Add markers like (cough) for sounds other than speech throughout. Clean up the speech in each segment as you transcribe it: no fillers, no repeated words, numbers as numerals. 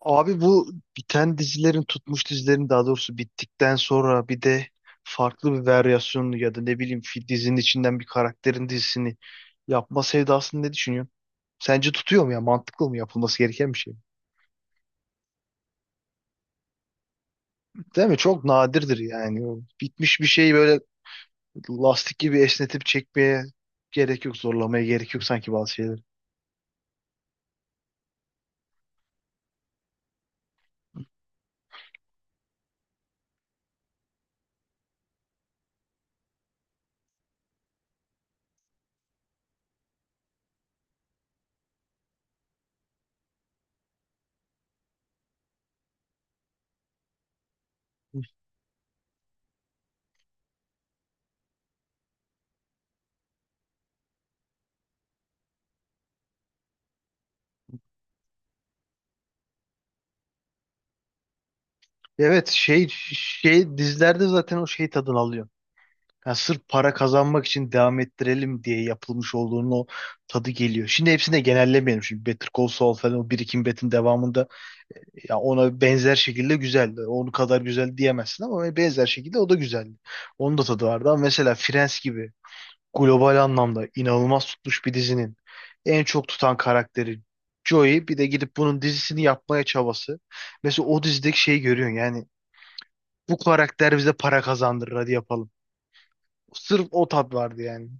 Abi bu biten dizilerin tutmuş dizilerin daha doğrusu bittikten sonra bir de farklı bir varyasyonunu ya da ne bileyim dizinin içinden bir karakterin dizisini yapma sevdasını ne düşünüyorsun? Sence tutuyor mu ya? Mantıklı mı, yapılması gereken bir şey mi? Değil mi? Çok nadirdir yani. O bitmiş bir şeyi böyle lastik gibi esnetip çekmeye gerek yok, zorlamaya gerek yok sanki bazı şeyler. Evet, şey dizilerde zaten o şey tadını alıyor. Yani sırf para kazanmak için devam ettirelim diye yapılmış olduğunun o tadı geliyor. Şimdi hepsini de genellemeyelim. Şimdi Better Call Saul falan, o Breaking Bad'in devamında ya, ona benzer şekilde güzeldi. Onu kadar güzel diyemezsin ama benzer şekilde o da güzeldi. Onun da tadı vardı ama mesela Friends gibi global anlamda inanılmaz tutmuş bir dizinin en çok tutan karakteri Joey, bir de gidip bunun dizisini yapmaya çabası. Mesela o dizideki şeyi görüyorsun yani, bu karakter bize para kazandırır hadi yapalım. Sırf o tat vardı yani.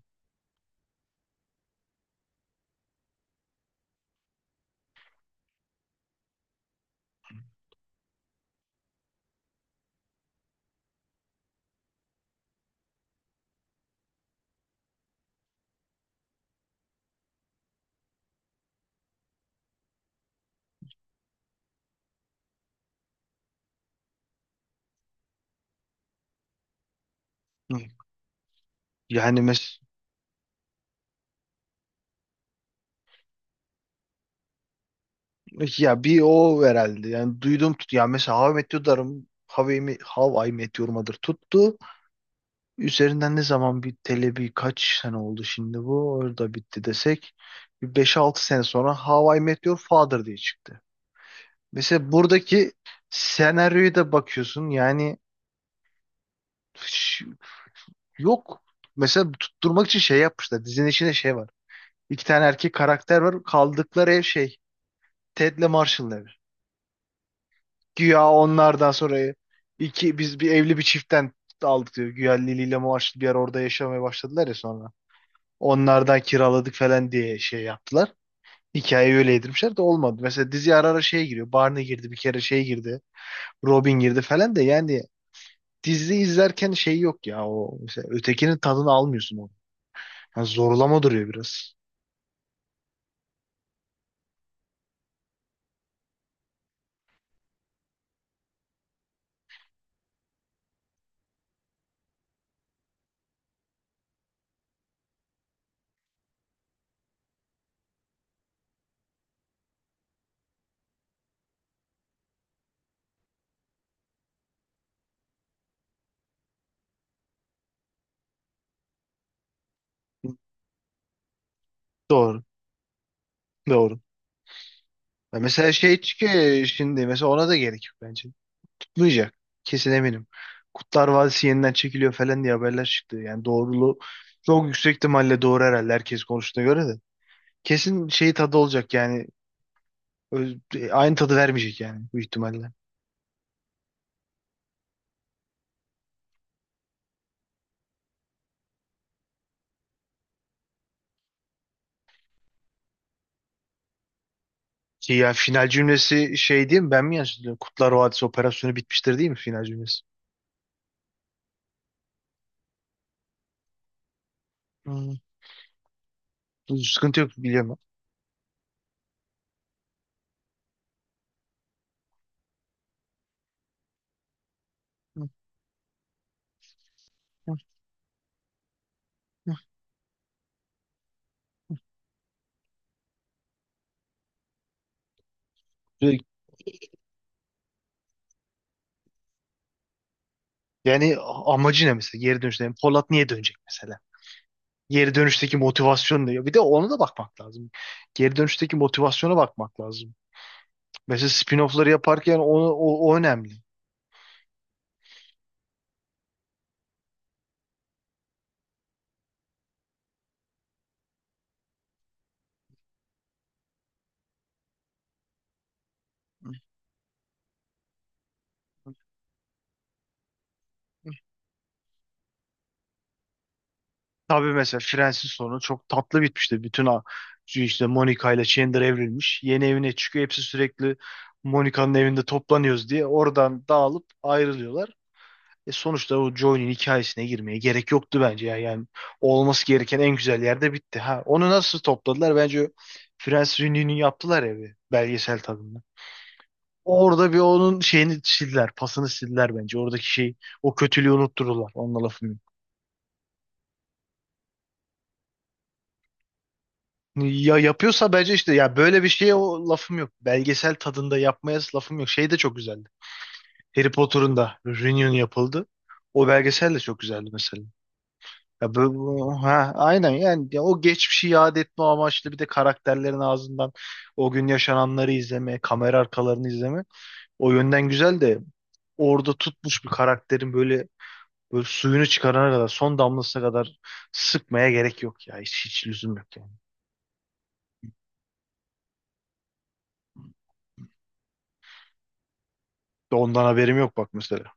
Yani ya bir o herhalde. Yani duydum tut. Ya mesela How I Met Your Darım How I Met How I Met Your Mother tuttu. Üzerinden ne zaman, bir bir kaç sene oldu şimdi bu? Orada bitti desek. Bir beş altı sene sonra How I Met Your Father diye çıktı. Mesela buradaki senaryoya da bakıyorsun. Ş- Yok. Mesela tutturmak için şey yapmışlar. Dizinin içinde şey var. İki tane erkek karakter var. Kaldıkları ev şey, Ted'le Marshall'ın evi. Güya onlardan sonra biz bir evli bir çiftten aldık diyor. Güya Lili ile Muaşlı bir yer, orada yaşamaya başladılar ya sonra. Onlardan kiraladık falan diye şey yaptılar. Hikayeyi öyle yedirmişler de olmadı. Mesela dizi ara ara şeye giriyor. Barney girdi bir kere, şey girdi, Robin girdi falan da yani dizi izlerken şey yok ya, o mesela ötekinin tadını almıyorsun onu. Yani zorlama duruyor biraz. Doğru. Doğru. Ya mesela şey çıkıyor şimdi, mesela ona da gerek yok bence. Kutlayacak. Kesin eminim. Kurtlar Vadisi yeniden çekiliyor falan diye haberler çıktı. Yani doğruluğu çok yüksek, ihtimalle doğru herhalde, herkes konuştuğuna göre de. Kesin şey tadı olacak yani. Aynı tadı vermeyecek yani bu ihtimalle. Ki ya final cümlesi şey değil mi? Ben mi yanlış hatırlıyorum? Kurtlar Vadisi operasyonu bitmiştir, değil mi final cümlesi? Hmm. Sıkıntı yok, biliyorum. Ben. Hı, hı, hı. Yani amacı ne mesela geri dönüşte? Yani Polat niye dönecek mesela? Geri dönüşteki motivasyon diyor. Bir de ona da bakmak lazım. Geri dönüşteki motivasyona bakmak lazım. Mesela spin-off'ları yaparken o önemli. Tabii mesela Friends'in sonu çok tatlı bitmişti. Bütün a- işte Monica ile Chandler evrilmiş. Yeni evine çıkıyor. Hepsi sürekli Monica'nın evinde toplanıyoruz diye. Oradan dağılıp ayrılıyorlar. E sonuçta o John'un hikayesine girmeye gerek yoktu bence ya. Yani olması gereken en güzel yerde bitti. Ha, onu nasıl topladılar? Bence Prens Rini'nin yaptılar ya, bir belgesel tadında. Orada bir onun şeyini sildiler, pasını sildiler bence. Oradaki şey, o kötülüğü unuttururlar. Onunla lafım yok. Ya yapıyorsa bence işte, ya böyle bir şeye o lafım yok. Belgesel tadında yapmaya lafım yok. Şey de çok güzeldi. Harry Potter'ın da reunion yapıldı. O belgesel de çok güzeldi mesela. Ya ha, aynen yani, ya o geçmişi yad etme amaçlı, bir de karakterlerin ağzından o gün yaşananları izleme, kamera arkalarını izleme. O yönden güzel de, orada tutmuş bir karakterin böyle, böyle suyunu çıkarana kadar, son damlasına kadar sıkmaya gerek yok ya. Hiç, hiç lüzum yok yani. De ondan haberim yok bak mesela.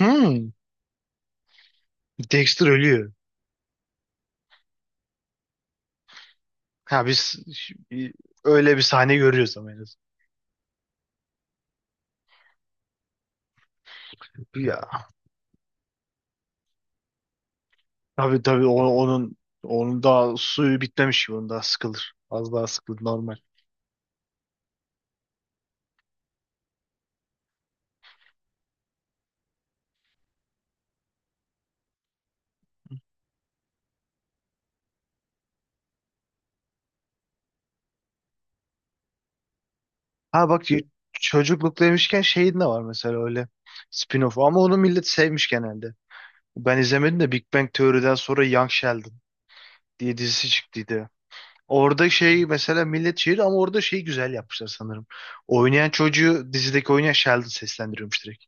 Hmm. Dexter ölüyor. Ha biz öyle bir sahne görüyoruz ama en azından. Tabii tabii, onun daha suyu bitmemiş gibi, onun daha sıkılır. Az daha sıkılır normal. Ha bak, çocukluk demişken şeyin de var mesela, öyle spin-off ama onu millet sevmiş genelde. Ben izlemedim de, Big Bang Theory'den sonra Young Sheldon diye dizisi çıktıydı. Orada şey mesela, millet şiir ama orada şeyi güzel yapmışlar sanırım. Oynayan çocuğu dizideki oynayan Sheldon seslendiriyormuş direkt.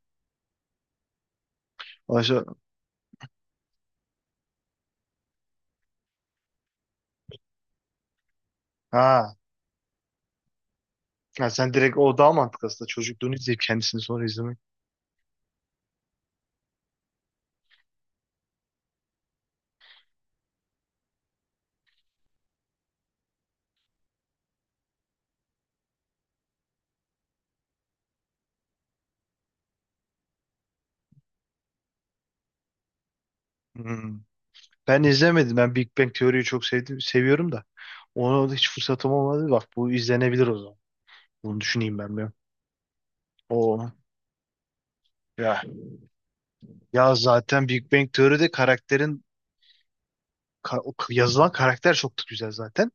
Oysa, ha, ha sen direkt, o daha mantıklı aslında, çocukluğunu izleyip kendisini sonra izlemek. Hmm. Ben izlemedim. Ben Big Bang Teori'yi çok sevdim, seviyorum da. Ona da hiç fırsatım olmadı. Bak, bu izlenebilir o zaman. Bunu düşüneyim ben bir. O ya ya zaten Big Bang Teori'de karakterin, yazılan karakter çok da güzel zaten.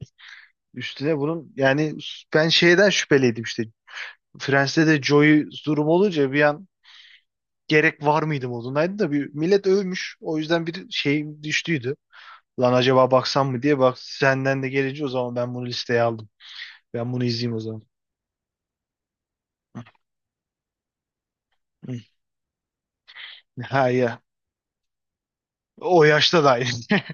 Üstüne bunun yani, ben şeyden şüpheliydim işte. Friends'te de Joey durum olunca bir an gerek var mıydı modundaydı da, bir millet övmüş. O yüzden bir şey düştüydü. Lan acaba baksam mı diye, bak senden de gelince o zaman ben bunu listeye aldım. Ben bunu izleyeyim o zaman. Ha ya. O yaşta da aynı. (laughs)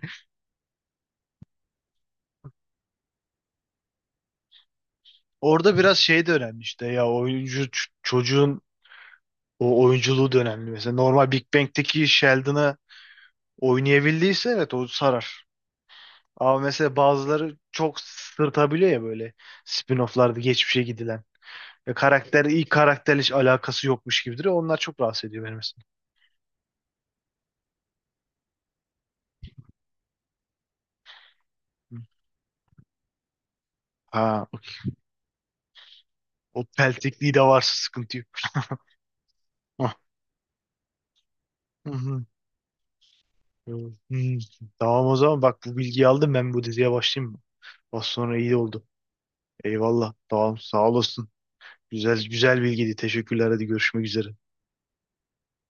Orada biraz şey de önemli işte, ya oyuncu, çocuğun o oyunculuğu da önemli. Mesela normal Big Bang'teki Sheldon'ı oynayabildiyse evet o sarar. Ama mesela bazıları çok sırtabiliyor ya, böyle spin-off'larda geçmişe gidilen. Ve karakter ilk karakterle hiç alakası yokmuş gibidir. Onlar çok rahatsız ediyor beni mesela. Hı. Ha, o peltekliği de varsa sıkıntı yok. Hah. Hı hı. Hı. Tamam o zaman, bak bu bilgiyi aldım, ben bu diziye başlayayım mı? Az sonra iyi oldu. Eyvallah. Tamam, sağ olasın. Güzel güzel bilgiydi. Teşekkürler. Hadi, görüşmek üzere.